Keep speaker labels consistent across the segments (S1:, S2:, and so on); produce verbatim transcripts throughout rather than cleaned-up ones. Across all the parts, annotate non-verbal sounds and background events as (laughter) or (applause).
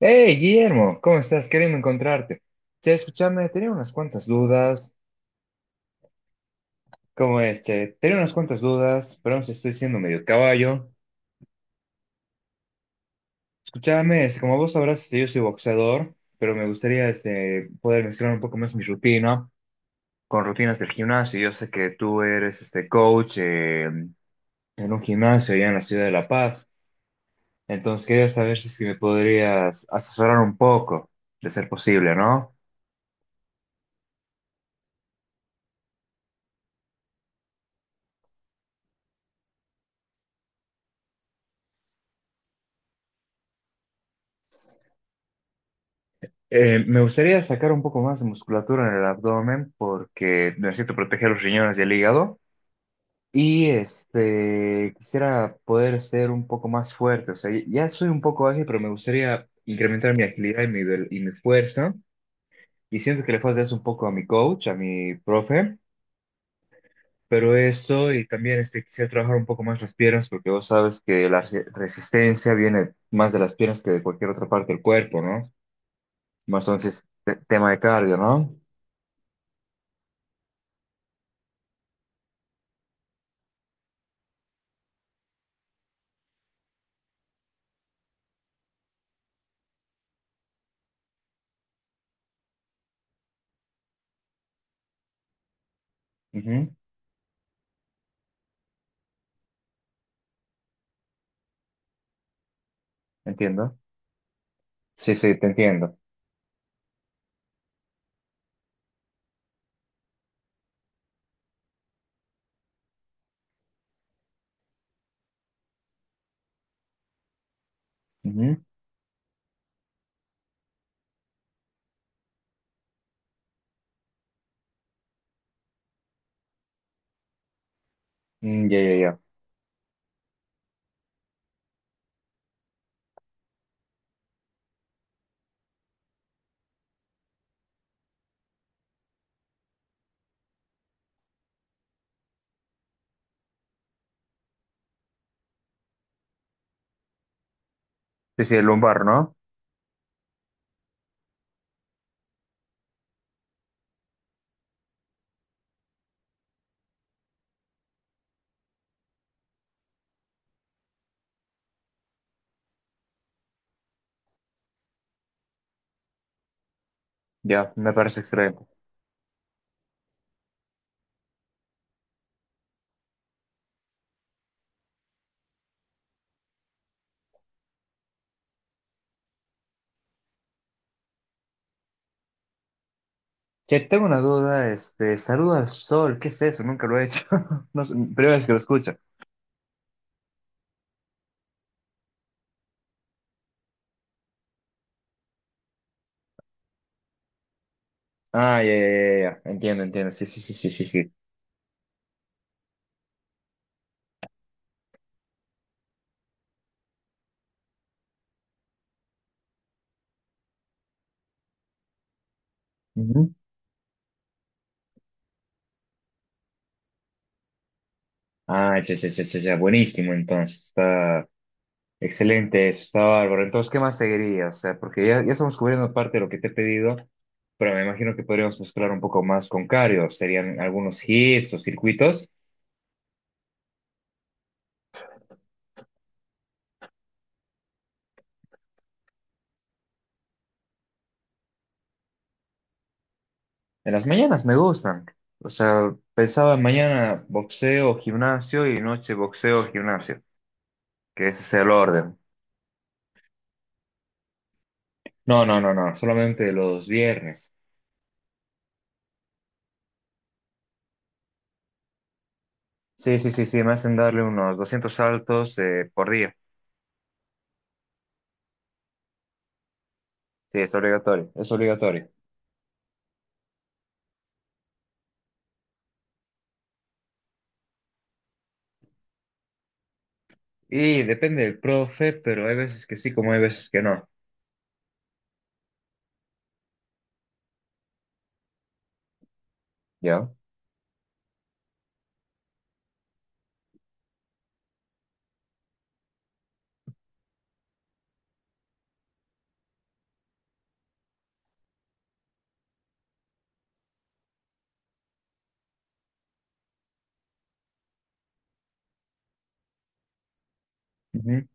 S1: Hey, Guillermo, ¿cómo estás? Queriendo encontrarte. Che, escúchame, tenía unas cuantas dudas. ¿Cómo es, che? Tenía unas cuantas dudas, pero aún estoy siendo medio caballo. Escúchame, este, como vos sabrás, este, yo soy boxeador, pero me gustaría este, poder mezclar un poco más mi rutina con rutinas del gimnasio. Yo sé que tú eres este coach eh, en un gimnasio allá en la ciudad de La Paz, entonces quería saber si es que me podrías asesorar un poco, de ser posible, ¿no? Eh, me gustaría sacar un poco más de musculatura en el abdomen porque necesito proteger los riñones y el hígado. Y este, quisiera poder ser un poco más fuerte. O sea, ya soy un poco ágil, pero me gustaría incrementar mi agilidad y mi, vel- y mi fuerza. Y siento que le falta eso un poco a mi coach, a mi profe. Pero esto, y también este, quisiera trabajar un poco más las piernas porque vos sabes que la resi- resistencia viene más de las piernas que de cualquier otra parte del cuerpo, ¿no? Más entonces, te- tema de cardio, no entiendo. Sí, sí, te entiendo. Ujú. Mm, ya, ya, ya. Sí, sí, el lumbar, ¿no? Ya, me parece excelente. Che, tengo una duda, este, saluda al sol, ¿qué es eso? Nunca lo he hecho. (laughs) No sé, primera vez que lo escucho. Ah, ya, ya, ya, ya. Entiendo, entiendo. Sí, sí, sí, sí, sí, sí. Ujú. Ah, ya, ya, ya, ya, ya. Buenísimo, entonces. Está excelente eso, está bárbaro. Entonces, ¿qué más seguiría? O sea, porque ya, ya estamos cubriendo parte de lo que te he pedido, pero me imagino que podríamos mezclar un poco más con cardio. Serían algunos hits o circuitos. En las mañanas me gustan. O sea, pensaba mañana boxeo, gimnasio y noche boxeo, gimnasio, que ese sea el orden. No, no, no, no, solamente los viernes. Sí, sí, sí, sí, me hacen darle unos doscientos saltos eh, por día. Sí, es obligatorio, es obligatorio. Y depende del profe, pero hay veces que sí, como hay veces que no. ¿Ya? Ujú.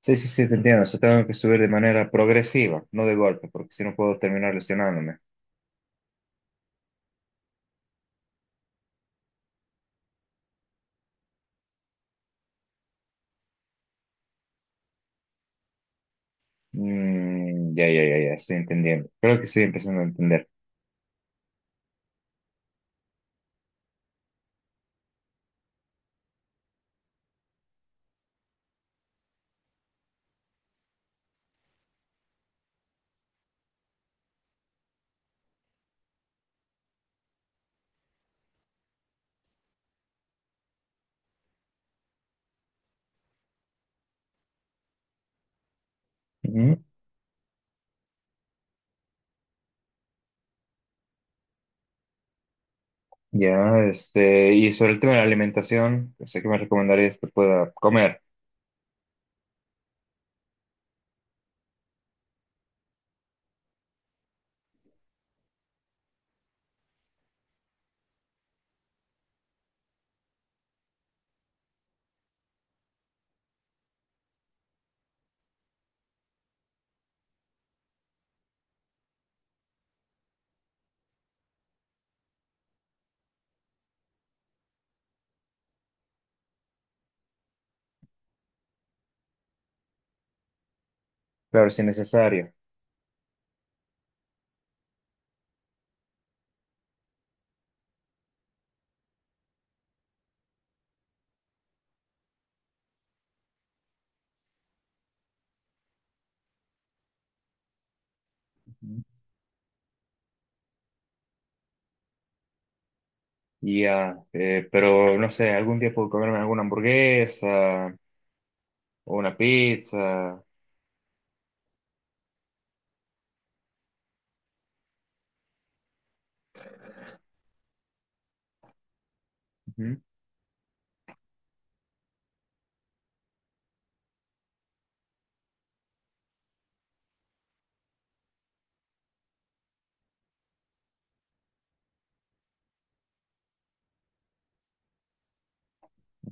S1: Sí, sí, sí, te entiendo. O sea, tengo que subir de manera progresiva, no de golpe, porque si no puedo terminar lesionándome. Mm, ya, ya, ya, ya, estoy entendiendo. Creo que estoy empezando a entender. Ujú. Ya, este, y sobre el tema de la alimentación, sé que me recomendarías que pueda comer, claro, si necesario. Ujú. Y ya, eh, pero no sé, algún día puedo comerme alguna hamburguesa o una pizza. Ujú,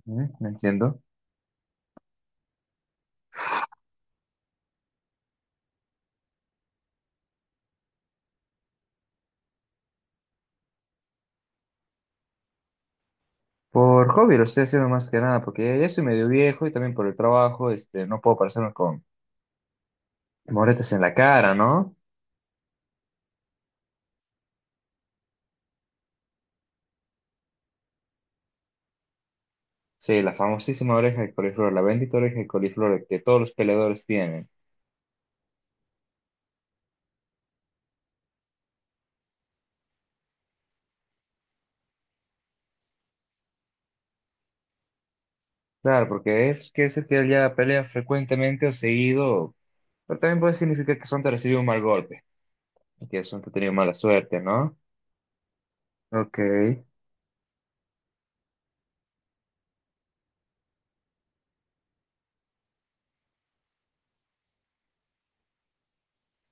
S1: ujú, no entiendo. Por hobby lo estoy haciendo más que nada, porque ya soy medio viejo y también por el trabajo, este, no puedo parecerme con moretes en la cara, ¿no? Sí, la famosísima oreja de coliflor, la bendita oreja de coliflor que todos los peleadores tienen. Claro, porque es que ese que ya pelea frecuentemente o seguido, pero también puede significar que Sonta recibió un mal golpe y que Sonta ha tenido mala suerte, ¿no? Ok,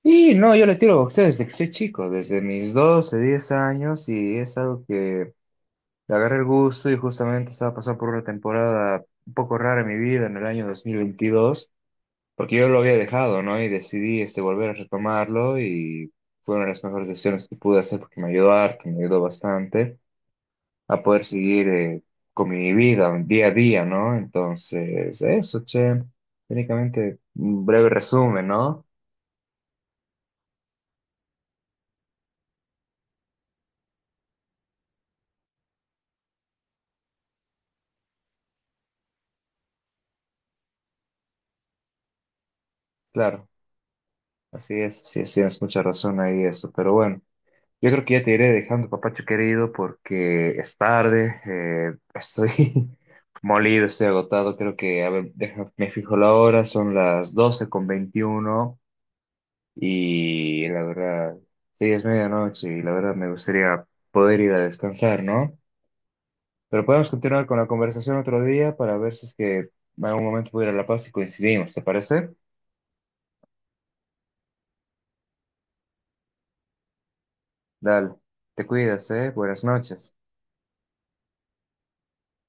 S1: y no, yo le tiro boxeo desde que soy chico, desde mis doce diez años, y es algo que le agarré el gusto y justamente estaba pasando por una temporada un poco rara en mi vida en el año dos mil veintidós, porque yo lo había dejado, ¿no? Y decidí este, volver a retomarlo y fue una de las mejores decisiones que pude hacer porque me ayudó harto, me ayudó bastante a poder seguir eh, con mi vida un día a día, ¿no? Entonces, eso, che, técnicamente un breve resumen, ¿no? Claro, así es, sí, sí, tienes mucha razón ahí eso, pero bueno, yo creo que ya te iré dejando, papacho querido, porque es tarde, eh, estoy (laughs) molido, estoy agotado, creo que, a ver, deja- me fijo la hora, son las doce con veintiuno y la verdad, sí, es medianoche y la verdad me gustaría poder ir a descansar, ¿no? Pero podemos continuar con la conversación otro día para ver si es que en algún momento pudiera ir a La Paz y coincidimos, ¿te parece? Dale, te cuidas, ¿eh? Buenas noches.